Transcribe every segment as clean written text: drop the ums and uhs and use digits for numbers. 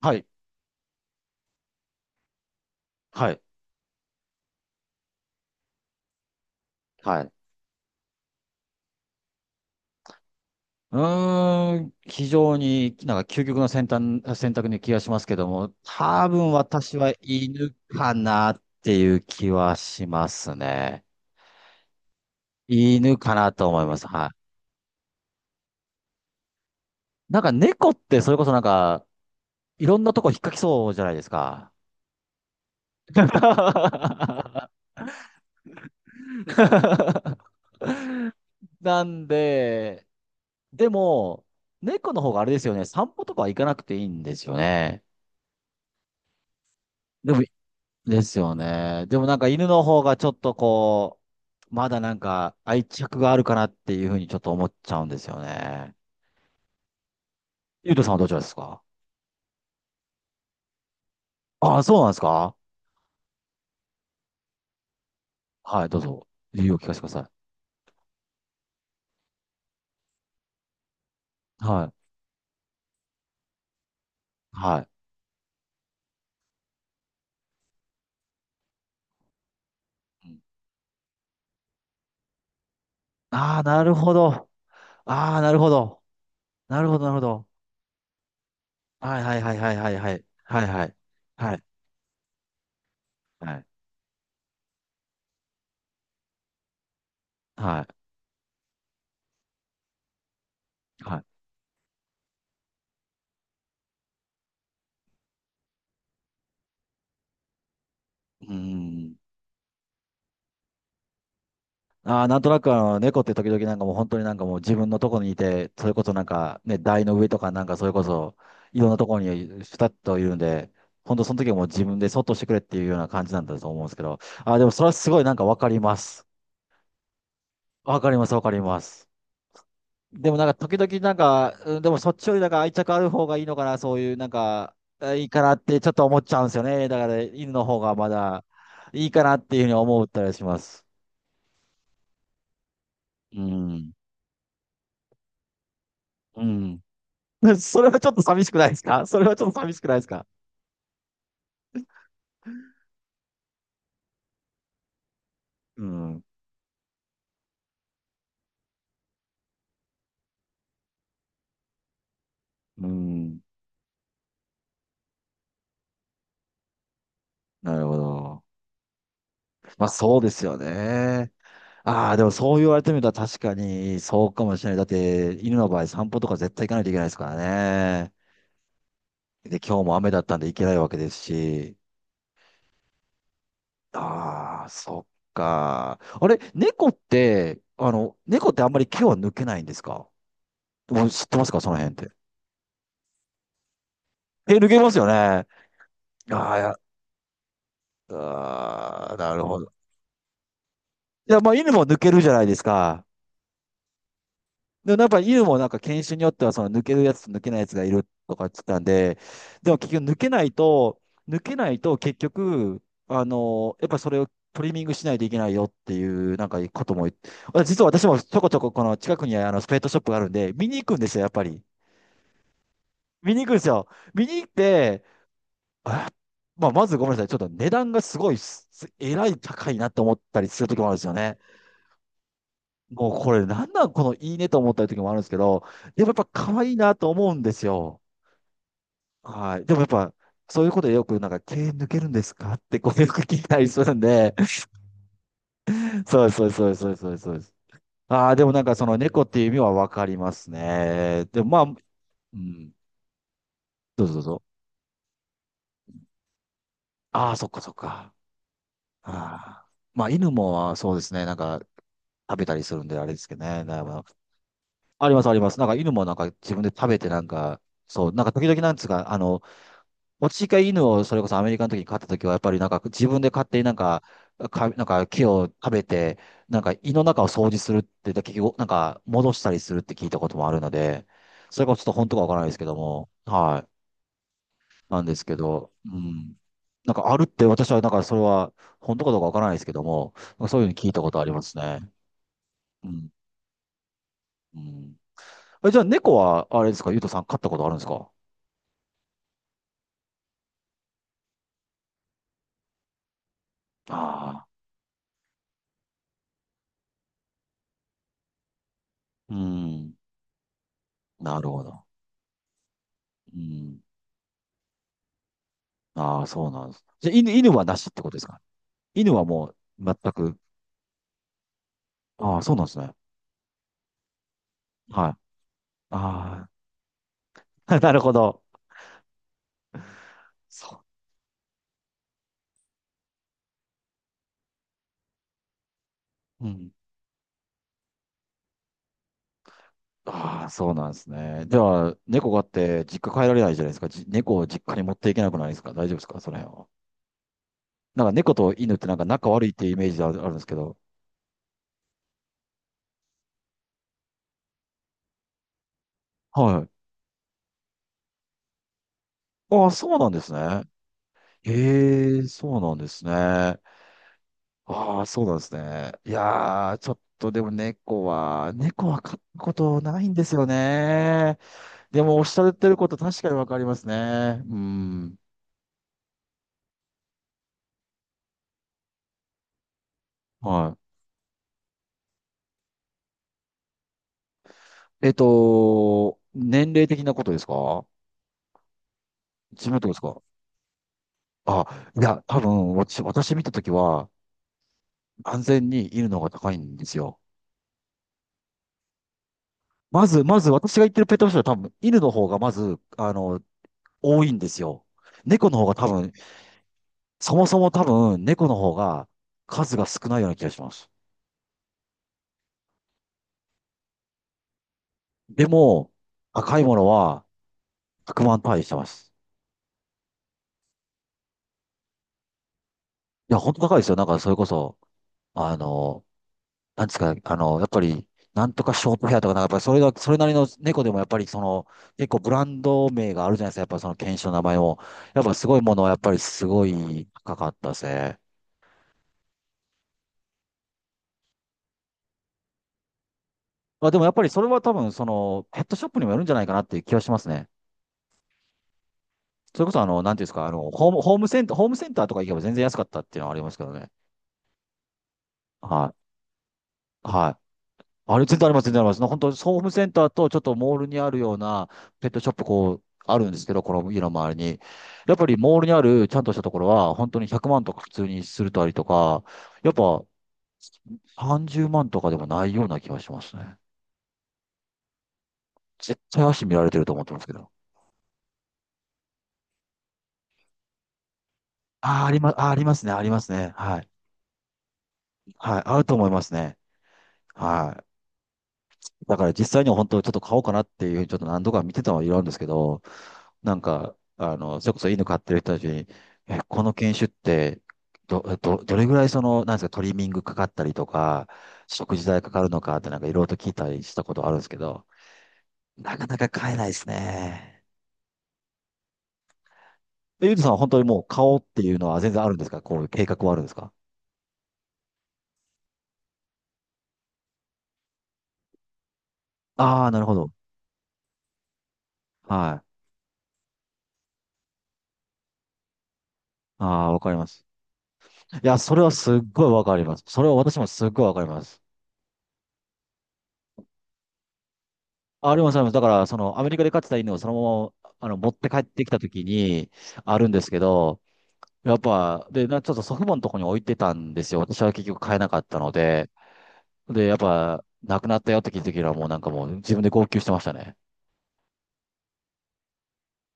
はい、はい、はい。うーん、非常になんか究極の選択に気がしますけども、多分私は犬かなっていう気はしますね。犬かなと思います。はい。なんか猫ってそれこそなんか、いろんなとこ引っかきそうじゃないですか。なんで、でも、猫の方があれですよね、散歩とかは行かなくていいんですよね。でもですよね。でもなんか犬の方がちょっとこう、まだなんか愛着があるかなっていうふうにちょっと思っちゃうんですよね。ゆうとさんはどちらですか？ああ、そうなんですか？はい、どうぞ。理由を聞かせてください。はい。はい。ああー、なるほど。ああ、なるほど。なるほど、なるほど。はいはいはいはいはいはい。はいはい。はい。はい。はい。はい。うーん。ああ、なんとなくあの、猫って時々なんかもう本当になんかもう自分のとこにいて、それこそなんかね、台の上とかなんかそれこそ、いろんなところにふたっといるんで、本当その時はもう自分でそっとしてくれっていうような感じなんだと思うんですけど、ああ、でもそれはすごいなんかわかります。わかります、わかります。でもなんか時々なんか、うんでもそっちよりなんか愛着ある方がいいのかな、そういうなんか、あいいかなってちょっと思っちゃうんですよね。だから犬の方がまだいいかなっていうふうに思ったりします。うん。うん。それはちょっと寂しくないですか？ それはちょっと寂しくないですか？うん。うん。なるほど。まあそうですよね。ああ、でもそう言われてみたら確かにそうかもしれない。だって犬の場合散歩とか絶対行かないといけないですからね。で、今日も雨だったんで行けないわけですし。ああ、そっか。あれ、猫って、あの、猫ってあんまり毛は抜けないんですか？もう知ってますかその辺って。え、抜けますよね。ああ、や、ああ、なるほど。いや、まあ犬も抜けるじゃないですか。でもやっぱ犬もなんか犬種によってはその抜けるやつと抜けないやつがいるとか言ってたんで、でも結局抜けないと、抜けないと結局、あの、やっぱそれをトリミングしないといけないよっていうなんかことも言って、あ実は私もちょこちょここの近くにあのスペットショップがあるんで、見に行くんですよ、やっぱり。見に行くんですよ。見に行って、あ、まあまずごめんなさい、ちょっと値段がすごいす、えらい高いなと思ったりするときもあるんですよね。もうこれなんなんこのいいねと思った時もあるんですけど、でもやっぱ可愛いなと思うんですよ。はい。でもやっぱ、そういうことでよくなんか、毛抜けるんですかってこう よく聞いたりするんで、そうです、そうです、そうです、そうです、そうです。そうですああ、でもなんかその猫っていう意味はわかりますね。でもまあ、うん、どうぞどうぞ。ああ、そっかそっか。ああ。まあ犬もそうですね、なんか食べたりするんであれですけどね。だいあります、あります。なんか犬もなんか自分で食べてなんか、そう、なんか時々なんつうか、あの、私が犬をそれこそアメリカの時に飼った時は、やっぱりなんか自分で勝手になんか、か、なんか木を食べて、なんか胃の中を掃除するって、結局なんか戻したりするって聞いたこともあるので、それがちょっと本当かわからないですけども、はい。なんですけど、うん。なんかあるって私はなんかそれは本当かどうかわからないですけども、なんかそういうふうに聞いたことありますね。うん。うん。え、じゃあ猫はあれですか、ゆうとさん飼ったことあるんですか？ああー。うん。なるほど。うん。ああ、そうなんです。じゃあ、犬はなしってことですか？犬はもう全く。ああ、そうなんですね。はい。ああ、なるほど。そう。うん。ああ、そうなんですね。じゃあ、猫があって実家帰られないじゃないですか。じ、猫を実家に持っていけなくないですか？大丈夫ですかその辺は。なんか猫と犬ってなんか仲悪いっていうイメージがあるあるんですけど。はい。ああ、そうなんですね。へえ、そうなんですね。ああ、そうなんですね。いやー、ちょっとでも猫は、猫は飼ったことないんですよね。でもおっしゃってること確かにわかりますね。うん。はい。えっと、年齢的なことですか？自分のとこですか？あ、いや、多分、私見たときは、安全に犬の方が高いんですよ。まず、まず私が言ってるペットショップは多分、犬の方がまず、あの、多いんですよ。猫の方が多分そもそも多分、猫の方が数が少ないような気がします。でも、高いものは100万単位してます。いや、本当高いですよ。なんか、それこそ、あの、なんですか、あの、やっぱり、なんとかショートヘアとか、なんか、やっぱりそれが、それなりの猫でも、やっぱり、その、結構ブランド名があるじゃないですか。やっぱその犬種の名前も。やっぱすごいものは、やっぱりすごい高かったですね。まあ、でもやっぱりそれは多分、その、ペットショップにもよるんじゃないかなっていう気がしますね。それこそ、あの、なんていうんですか、あの、ホーム、ホームセンター、ホームセンターとか行けば全然安かったっていうのはありますけどね。はい。はい。あれ、全然あります、全然あります。本当、ホームセンターとちょっとモールにあるようなペットショップ、こう、あるんですけど、この家の周りに。やっぱりモールにあるちゃんとしたところは、本当に100万とか普通にするとありとか、やっぱ30万とかでもないような気がしますね。絶対足見られてると思ってますけど。ああ、ありま、あー、ありますね、ありますね。はい。はい。あると思いますね。はい。だから実際には本当ちょっと買おうかなっていうふうにちょっと何度か見てたのはいるんですけど、なんか、あの、それこそ犬飼ってる人たちに、え、この犬種って、どれぐらいその、なんですか、トリミングかかったりとか、食事代かかるのかってなんかいろいろと聞いたりしたことあるんですけど、なかなか買えないですね。えゆうとさんは本当にもう買おうっていうのは全然あるんですか？こういう計画はあるんですか？ああー、なるほど。はい。ああ、わかります。いや、それはすっごいわかります。それは私もすっごいわかります。あります、あります。だから、その、アメリカで飼ってた犬をそのまま、あの、持って帰ってきたときに、あるんですけど、やっぱ、で、な、ちょっと祖父母のとこに置いてたんですよ。私は結局飼えなかったので。で、やっぱ、亡くなったよって聞いたときにはもうなんかもう自分で号泣してましたね。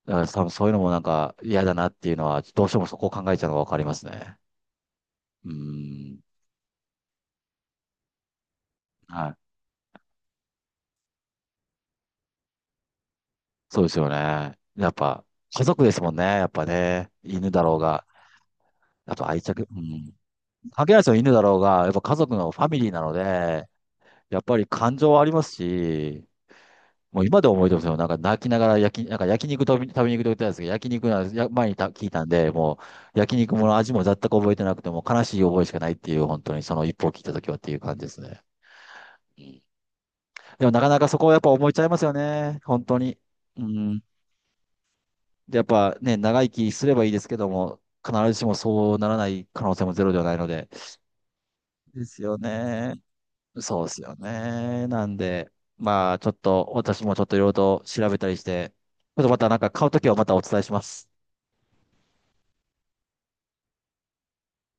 だから多分そういうのもなんか嫌だなっていうのは、どうしてもそこを考えちゃうのがわかりますね。うーん。はい。そうですよね。やっぱ、家族ですもんね。やっぱね。犬だろうが。やっぱ愛着、うん。関係ないですよ、犬だろうが、やっぱ家族のファミリーなので、やっぱり感情はありますし、もう今でも覚えてますよ。なんか泣きながら焼き、なんか焼肉食べに行くと言ってたんですけど、焼肉なんですや、前にた聞いたんで、もう焼肉もの味も全く覚えてなくてもう悲しい覚えしかないっていう、本当にその一歩を聞いた時はっていう感じですね。うんでもなかなかそこはやっぱ思いちゃいますよね。本当に。うん。で、やっぱね、長生きすればいいですけども、必ずしもそうならない可能性もゼロではないので。ですよね。そうですよね。なんで、まあ、ちょっと、私もちょっといろいろと調べたりして、ちょっとまたなんか買うときはまたお伝えします。